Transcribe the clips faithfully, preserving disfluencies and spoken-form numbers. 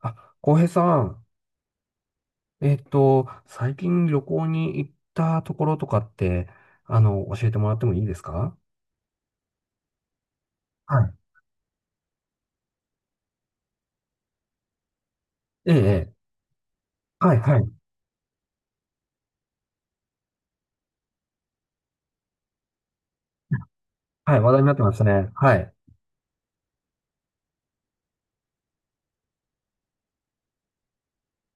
あ、浩平さん、えっと、最近旅行に行ったところとかって、あの、教えてもらってもいいですか？はい。ええ、ええ。はい、はい。はい、話題になってましたね。はい。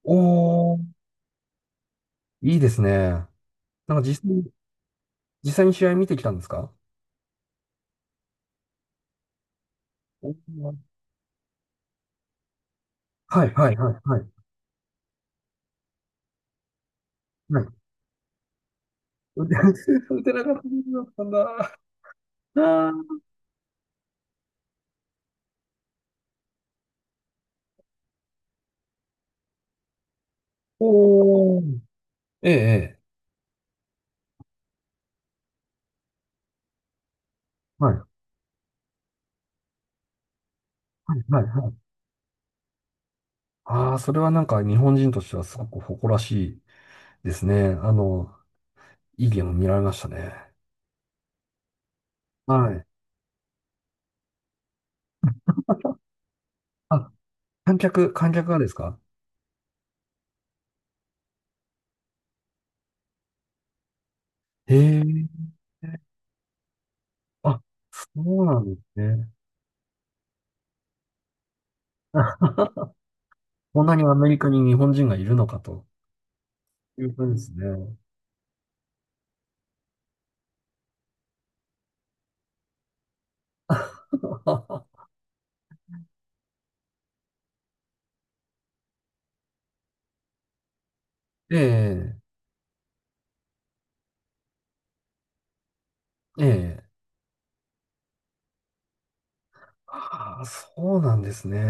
おー、いいですね。なんか実際に、実際に試合見てきたんですか？おー。はい、はい、はい、はい。はい。打ててなかったことだったんだ。あー。おー、ええ、ええ。はい、はい、はい。はい。ああ、それはなんか日本人としてはすごく誇らしいですね。あの、いいゲーム見られましたね。はい。あ、観客、観客がですか？へえ。あ、そうなんですね。こんなにアメリカに日本人がいるのかという感じですね。ええ、ええ。ああ、そうなんですね。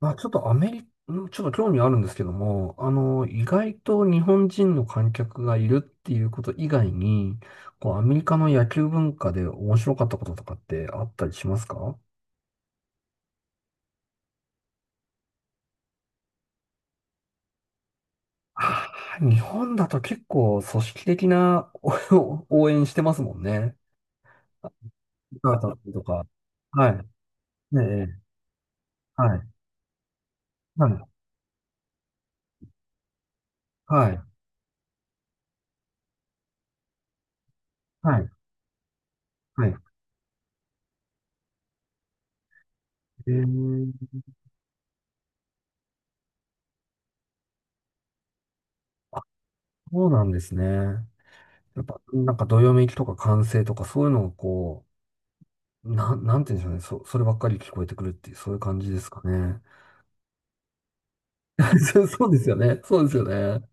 まあ、ちょっとアメリカ、んちょっと興味あるんですけども、あの、意外と日本人の観客がいるっていうこと以外に、こう、アメリカの野球文化で面白かったこととかってあったりしますか？あー。日本だと結構組織的なお 応援してますもんね。あカ歌ったとか。はい。ねえ、ええ。はい。はい。はい。はい。はい。えー、そうなんですね。やっぱ、なんか、どよめきとか歓声とか、そういうのがこう、なん、なんて言うんでしょうね。そ、そればっかり聞こえてくるっていう、そういう感じですかね。そう、そうですよね。そうですよね。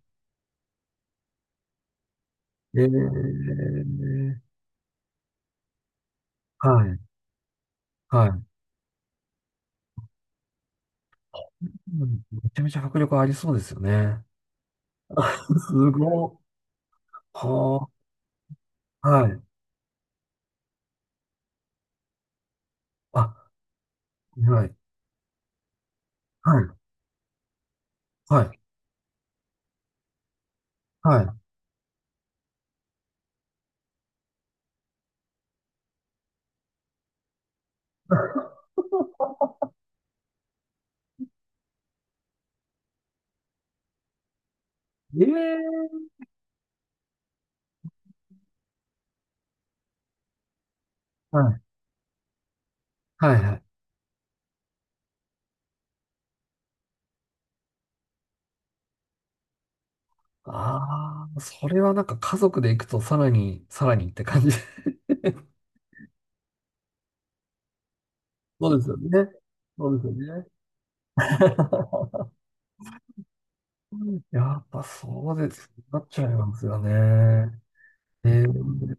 えー、はい。はい。うん。めちゃめちゃ迫力ありそうですよね。すごい。はあ、はい。あ、はい。はい。はい。はい。ええ。はい。はい。はい。ああ、それはなんか家族で行くとさらに、さらにって感じ。そうですよね。そうですよね。やっぱそうです。なっちゃいますよね。えー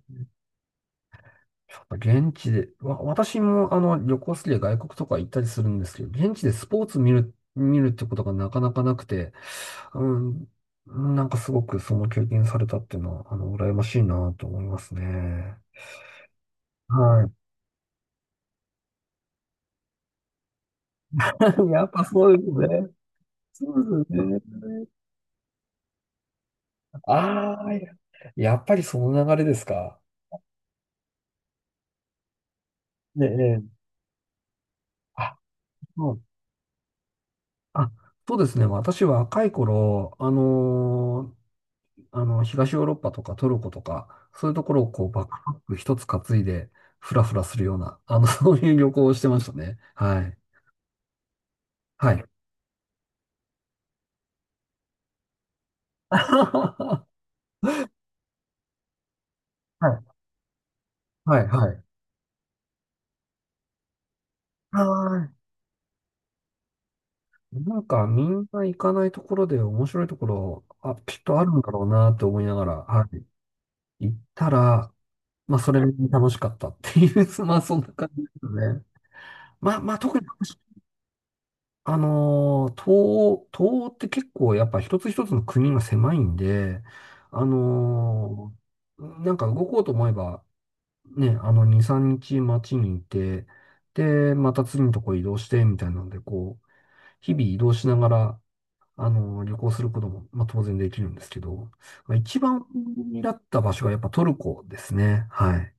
やっぱ現地で、わ、私もあの旅行好きで外国とか行ったりするんですけど、現地でスポーツ見る、見るってことがなかなかなくて、うん、なんかすごくその経験されたっていうのは、あの、羨ましいなと思いますね。はい。やっぱそうですね。そうですね。ああ、ややっぱりその流れですか？ねえ。ねえ、あ、そう、あ、そうですね。私若い頃、あのーあの、東ヨーロッパとかトルコとか、そういうところをこう、バックパック一つ担いで、フラフラするような、あの、そういう旅行をしてましたね。はい。はい。はい。はい。はい。はい。なんか、みんな行かないところで面白いところ、あ、きっとあるんだろうなって思いながら、はい。行ったら、まあ、それなりに楽しかったっていう、まあ、そんな感じですね。まあ、まあ、特にあのー、東欧、東欧って結構やっぱ一つ一つの国が狭いんで、あのー、なんか動こうと思えば、ね、あの、に、さんにち街にいて、で、また次のとこ移動して、みたいなので、こう、日々移動しながら、あのー、旅行することも、まあ、当然できるんですけど、まあ、一番お気だった場所はやっぱトルコですね。はい。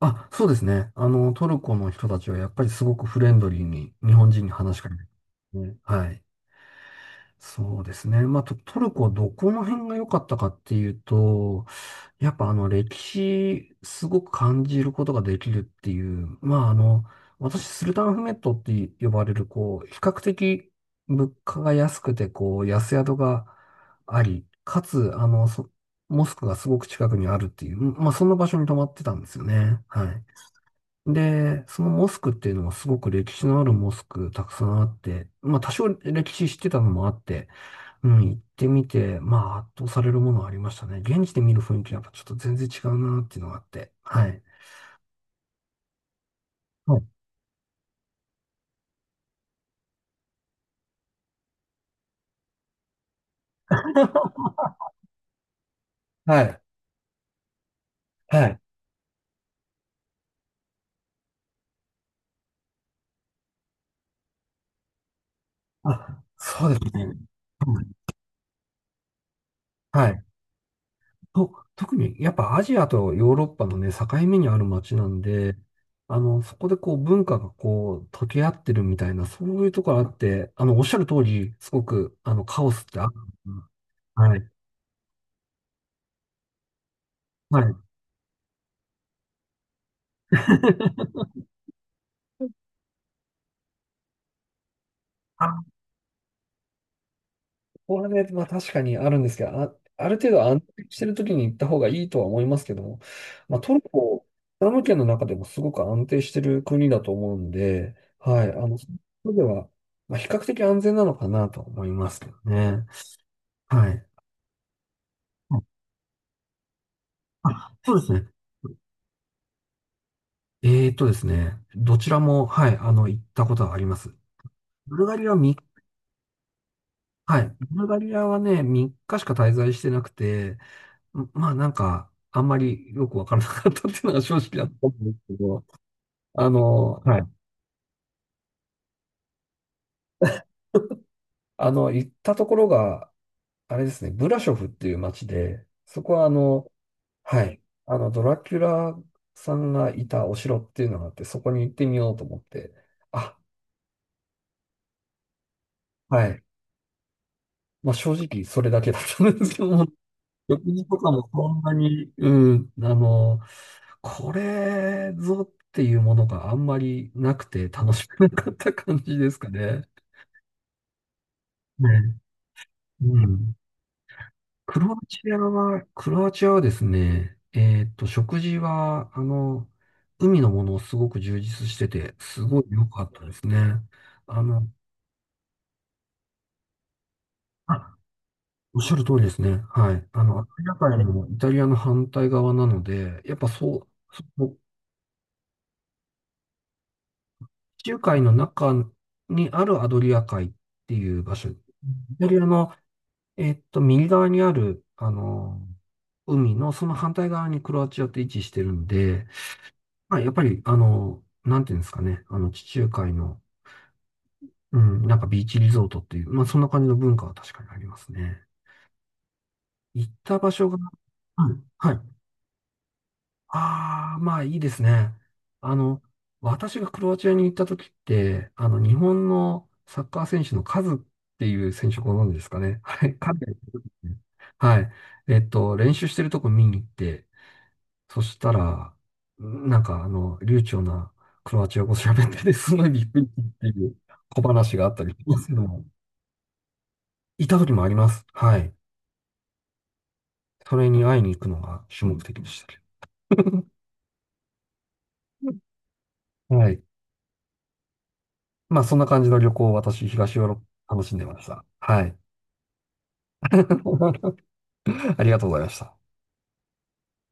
あ、そうですね。あの、トルコの人たちはやっぱりすごくフレンドリーに日本人に話しかけてくれるね、はい。そうですね。まあ、ト、トルコどこの辺が良かったかっていうと、やっぱあの歴史すごく感じることができるっていう、まああの、私スルタンフメットって呼ばれる、こう、比較的物価が安くて、こう、安宿があり、かつ、あの、そモスクがすごく近くにあるっていう、まあそんな場所に泊まってたんですよね。はい。で、そのモスクっていうのはすごく歴史のあるモスクたくさんあって、まあ多少歴史知ってたのもあって、うん、行ってみて、まあ、圧倒されるものはありましたね。現地で見る雰囲気はやっぱちょっと全然違うなっていうのがあって。はい。はい。はい。はい。あ、そうですね。うん。はい。と、特にやっぱアジアとヨーロッパのね、境目にある街なんで、あの、そこでこう文化がこう溶け合ってるみたいな、そういうところあって、あの、おっしゃる通り、すごく、あの、カオスってある。はい。はい。あ、後半で、まあ確かにあるんですけど、あ、ある程度安定してる時に行った方がいいとは思いますけども、まあトルコ、イスラム圏の中でもすごく安定してる国だと思うんで、はい、あの、そういう意味では、まあ、比較的安全なのかなと思いますけどね。はい。あ、そうですね。えーとですね、どちらも、はい、あの、行ったことがあります。ブルガリアはみはい、ブルガリアはね、みっかしか滞在してなくて、まあなんか、あんまりよくわからなかったっていうのが正直なところなんですけど、あの、はい。あの、行ったところが、あれですね、ブラショフっていう街で、そこはあの、はい。あの、ドラキュラさんがいたお城っていうのがあって、そこに行ってみようと思って、あ、はい。まあ正直それだけだったんですけども、食事とかもそんなに、うん、あの、これぞっていうものがあんまりなくて楽しくなかった感じですかね。ね、うん。クロアチアは、クロアチアはですね、えーっと、食事は、あの、海のものをすごく充実してて、すごい良かったですね。あの、あ、おっしゃる通りですね。はい。あの、アフリカ海のイタリアの反対側なので、やっぱそう、そこ地中海の中にあるアドリア海っていう場所、イタリアの、えーっと、右側にある、あの、海のその反対側にクロアチアって位置してるんで、まあ、やっぱり、あの、なんていうんですかね。あの、地中海の、うん、なんかビーチリゾートっていう、まあ、そんな感じの文化は確かにありますね。行った場所が、はい、はい。ああ、まあ、いいですね。あの、私がクロアチアに行った時って、あの、日本のサッカー選手のカズっていう選手ご存知ですかね。はい、彼が行った時ね。はい。えっと、練習してるとこ見に行って、そしたら、なんかあの、流暢なクロアチア語喋ってて、すごいびっくりっていう小話があったりしますけども、いた時もあります。はい。それに会いに行くのが主目的でしたけど。はい。まあ、そんな感じの旅行を私、東ヨーロッパ楽しんでました。はい。ありがとうございました。